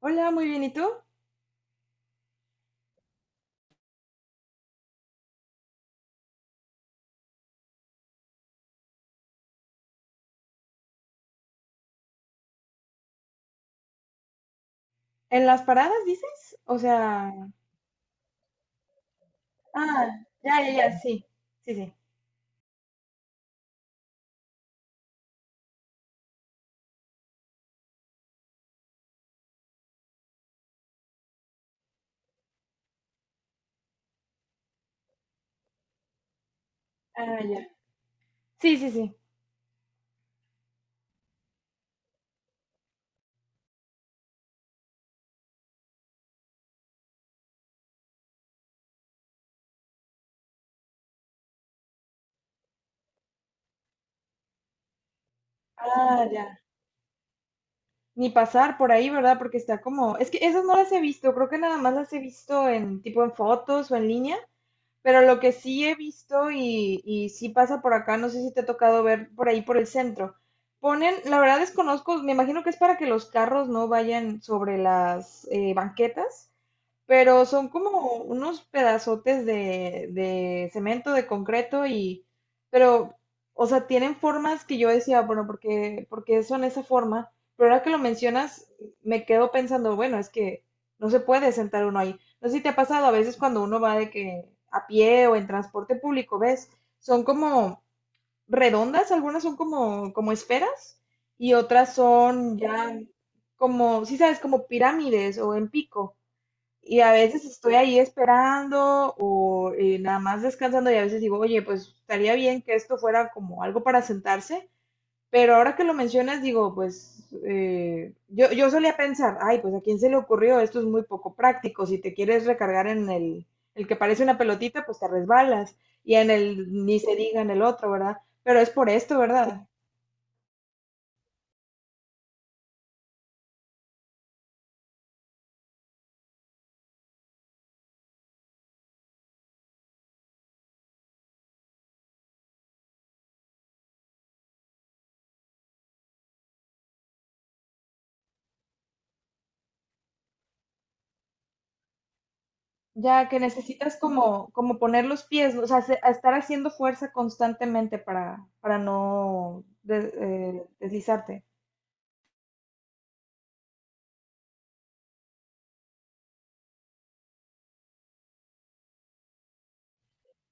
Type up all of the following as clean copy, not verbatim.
Hola, muy bien. ¿Y tú? ¿En las paradas dices? O sea, ah, ya, ya, ya, sí. Sí, sí. Ah, ya. Sí, sí, sí. Ah, ya. Ni pasar por ahí, ¿verdad? Porque está como, es que esas no las he visto, creo que nada más las he visto en tipo en fotos o en línea, pero lo que sí he visto y sí pasa por acá, no sé si te ha tocado ver por ahí por el centro. Ponen, la verdad desconozco, me imagino que es para que los carros no vayan sobre las banquetas, pero son como unos pedazotes de cemento, de concreto y, pero, o sea, tienen formas que yo decía, bueno, porque son esa forma, pero ahora que lo mencionas, me quedo pensando, bueno, es que no se puede sentar uno ahí. No sé si te ha pasado a veces cuando uno va de que a pie o en transporte público, ves, son como redondas, algunas son como esferas y otras son ya como, si sabes, como pirámides o en pico. Y a veces estoy ahí esperando o nada más descansando y a veces digo, oye, pues estaría bien que esto fuera como algo para sentarse, pero ahora que lo mencionas digo, pues yo solía pensar, ay, pues a quién se le ocurrió, esto es muy poco práctico, si te quieres recargar en el que parece una pelotita, pues te resbalas y en el, ni se diga en el otro, ¿verdad? Pero es por esto, ¿verdad? Ya que necesitas como poner los pies, o sea, a estar haciendo fuerza constantemente para no deslizarte.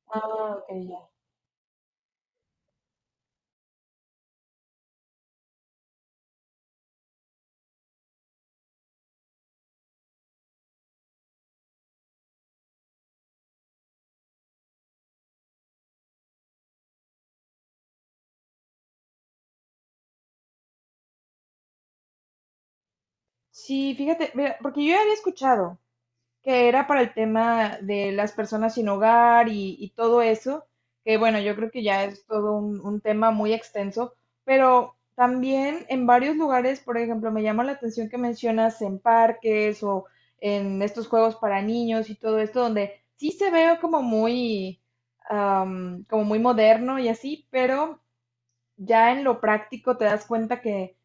Ah, ok, ya. Sí, fíjate, mira, porque yo ya había escuchado, que era para el tema de las personas sin hogar y todo eso, que bueno, yo creo que ya es todo un tema muy extenso, pero también en varios lugares, por ejemplo, me llama la atención que mencionas en parques o en estos juegos para niños y todo esto, donde sí se ve como muy moderno y así, pero ya en lo práctico te das cuenta que,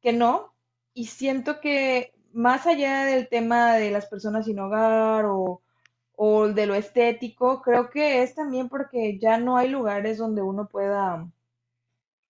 que no. Y siento que más allá del tema de las personas sin hogar o de lo estético, creo que es también porque ya no hay lugares donde uno pueda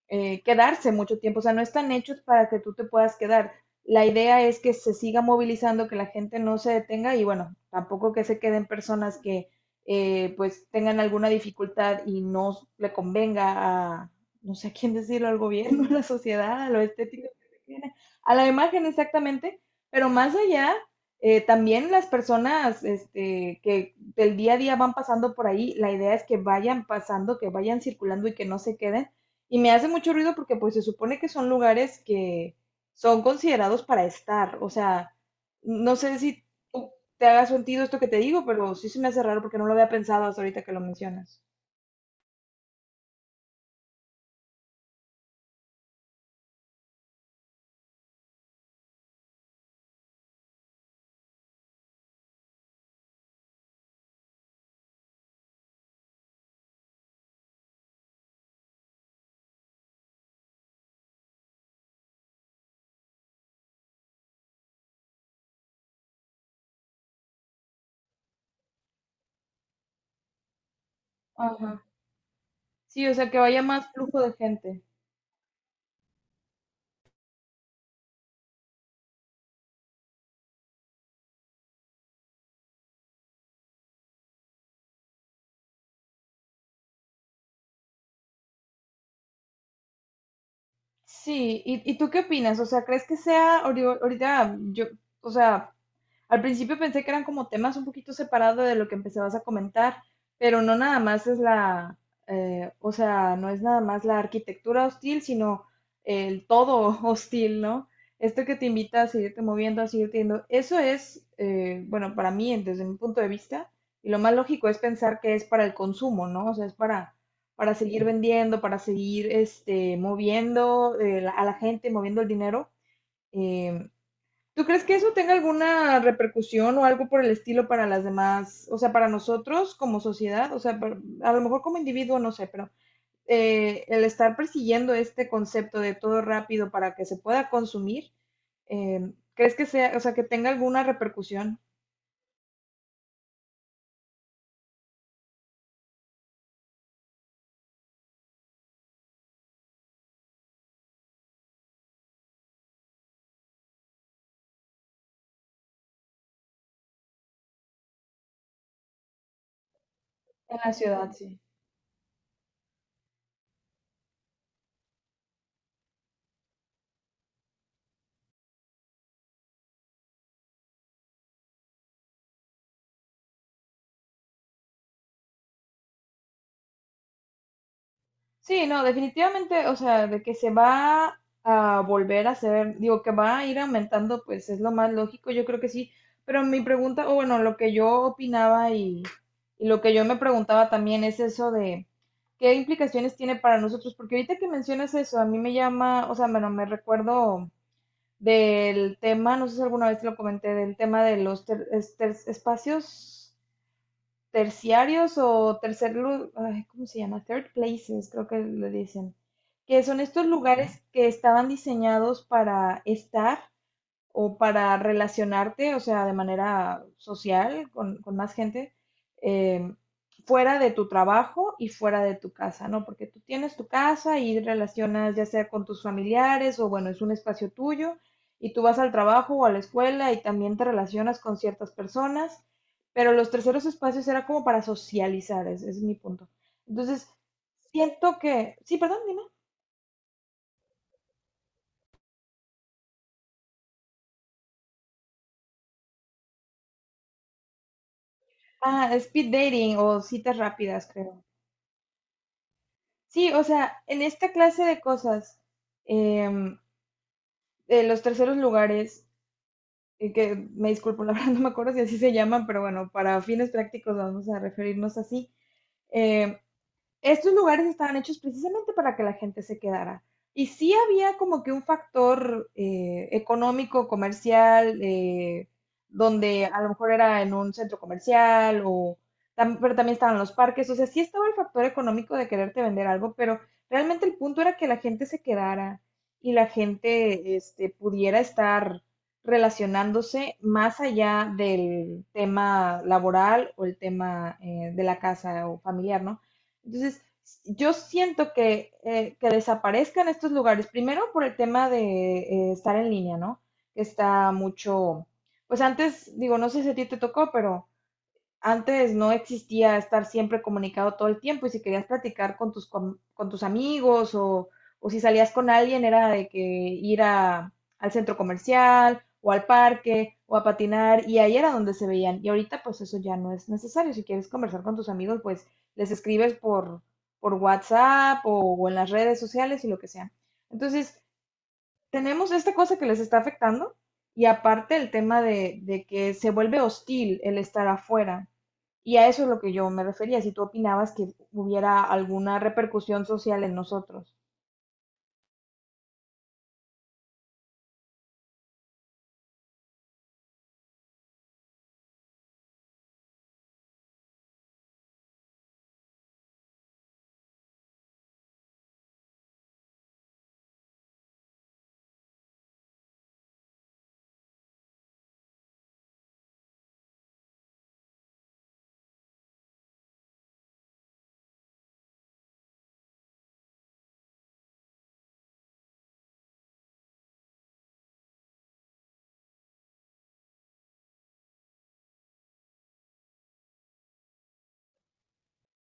quedarse mucho tiempo, o sea, no están hechos para que tú te puedas quedar. La idea es que se siga movilizando, que la gente no se detenga y bueno, tampoco que se queden personas que pues tengan alguna dificultad y no le convenga a, no sé a quién decirlo, al gobierno, a la sociedad, a lo estético que se tiene, a la imagen exactamente, pero más allá, también las personas este, que del día a día van pasando por ahí, la idea es que vayan pasando, que vayan circulando y que no se queden y me hace mucho ruido porque pues se supone que son lugares que son considerados para estar. O sea, no sé si tú te haga sentido esto que te digo, pero sí se me hace raro porque no lo había pensado hasta ahorita que lo mencionas. Ajá. Sí, o sea, que vaya más flujo de gente. Sí, ¿y tú qué opinas? O sea, ¿crees que sea ahorita yo? O sea, al principio pensé que eran como temas un poquito separados de lo que empezabas a comentar, pero no nada más es o sea, no es nada más la arquitectura hostil, sino el todo hostil, ¿no? Esto que te invita a seguirte moviendo, a seguirte yendo, eso es, bueno, para mí, desde mi punto de vista, y lo más lógico es pensar que es para el consumo, ¿no? O sea, es para seguir vendiendo, para seguir este, moviendo a la gente, moviendo el dinero. eh, ¿Tú crees que eso tenga alguna repercusión o algo por el estilo para las demás? O sea, ¿para nosotros como sociedad? O sea, a lo mejor como individuo, no sé, pero el estar persiguiendo este concepto de todo rápido para que se pueda consumir, eh, ¿crees que sea, o sea, que tenga alguna repercusión en la ciudad? ¿Sí? Sí, no, definitivamente, o sea, de que se va a volver a hacer, digo, que va a ir aumentando, pues es lo más lógico, yo creo que sí, pero mi pregunta, o bueno, lo que yo opinaba y lo que yo me preguntaba también es eso de qué implicaciones tiene para nosotros, porque ahorita que mencionas eso, a mí me llama, o sea, bueno, me recuerdo del tema, no sé si alguna vez te lo comenté, del tema de los espacios terciarios o tercer ay, ¿cómo se llama? Third places, creo que le dicen, que son estos lugares que estaban diseñados para estar o para relacionarte, o sea, de manera social con más gente, eh, fuera de tu trabajo y fuera de tu casa, ¿no? Porque tú tienes tu casa y relacionas ya sea con tus familiares o bueno, es un espacio tuyo y tú vas al trabajo o a la escuela y también te relacionas con ciertas personas, pero los terceros espacios era como para socializar, ese es mi punto. Entonces, siento que, sí, perdón, dime. Ah, speed dating o citas rápidas, creo. Sí, o sea, en esta clase de cosas, em, de los terceros lugares, que me disculpo, la verdad no me acuerdo si así se llaman, pero bueno, para fines prácticos vamos a referirnos así. eh, Estos lugares estaban hechos precisamente para que la gente se quedara. Y sí había como que un factor económico, comercial, donde a lo mejor era en un centro comercial o pero también estaban los parques, o sea, sí estaba el factor económico de quererte vender algo, pero realmente el punto era que la gente se quedara y la gente este, pudiera estar relacionándose más allá del tema laboral o el tema de la casa o familiar, ¿no? Entonces, yo siento que desaparezcan estos lugares, primero por el tema de estar en línea, ¿no? Que está mucho, pues antes, digo, no sé si a ti te tocó, pero antes no existía estar siempre comunicado todo el tiempo y si querías platicar con tus amigos o si salías con alguien era de que ir al centro comercial o al parque o a patinar y ahí era donde se veían. Y ahorita pues eso ya no es necesario. Si quieres conversar con tus amigos pues les escribes por WhatsApp o en las redes sociales y lo que sea. Entonces tenemos esta cosa que les está afectando y aparte el tema de que se vuelve hostil el estar afuera. Y a eso es lo que yo me refería, si tú opinabas que hubiera alguna repercusión social en nosotros.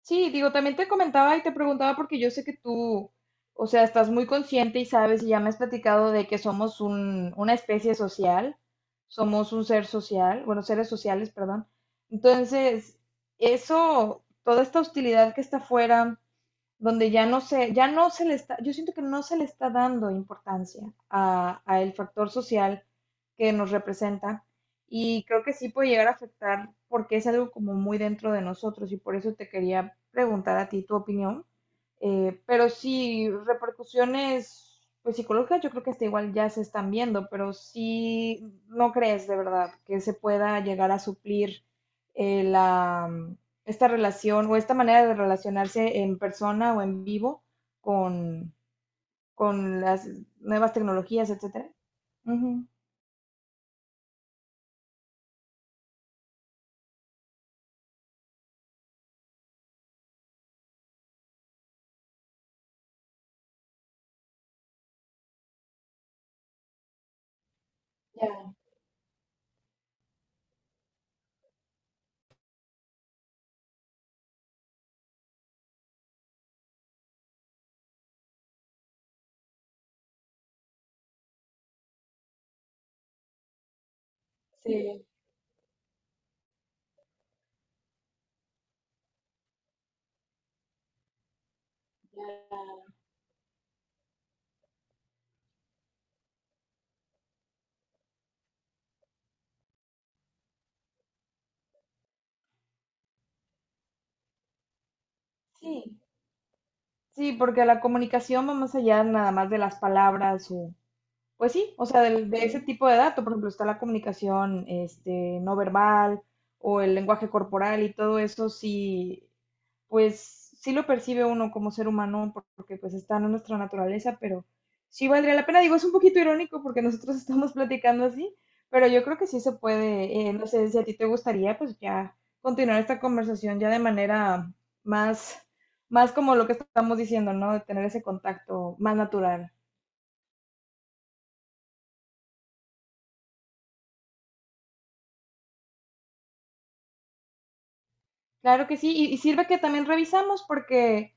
Sí, digo, también te comentaba y te preguntaba porque yo sé que tú, o sea, estás muy consciente y sabes y ya me has platicado de que somos una especie social, somos un ser social, bueno, seres sociales, perdón. Entonces, eso, toda esta hostilidad que está afuera, donde ya no se le está, yo siento que no se le está dando importancia a el factor social que nos representa y creo que sí puede llegar a afectar porque es algo como muy dentro de nosotros y por eso te quería preguntar a ti tu opinión, pero sí repercusiones pues psicológicas yo creo que hasta igual ya se están viendo, pero sí no crees de verdad que se pueda llegar a suplir la esta relación o esta manera de relacionarse en persona o en vivo con, con las nuevas tecnologías, etcétera. Ujú. Ya, sí. Sí, sí, porque la comunicación va más allá nada más de las palabras o, pues sí, o sea, de, ese tipo de dato, por ejemplo, está la comunicación este, no verbal o el lenguaje corporal y todo eso, sí, pues sí lo percibe uno como ser humano porque pues está en nuestra naturaleza, pero sí valdría la pena. Digo, es un poquito irónico porque nosotros estamos platicando así, pero yo creo que sí se puede, no sé si a ti te gustaría, pues ya continuar esta conversación ya de manera más, más como lo que estamos diciendo, ¿no? De tener ese contacto más natural. Claro que sí, y sirve que también revisamos porque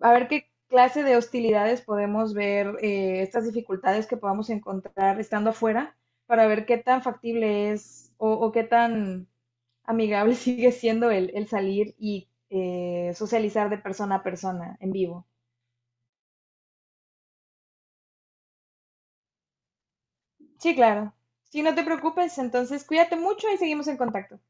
a ver qué clase de hostilidades podemos ver, estas dificultades que podamos encontrar estando afuera, para ver qué tan factible es o qué tan amigable sigue siendo el salir y socializar de persona a persona en vivo. Sí, claro. Sí, no te preocupes, entonces cuídate mucho y seguimos en contacto.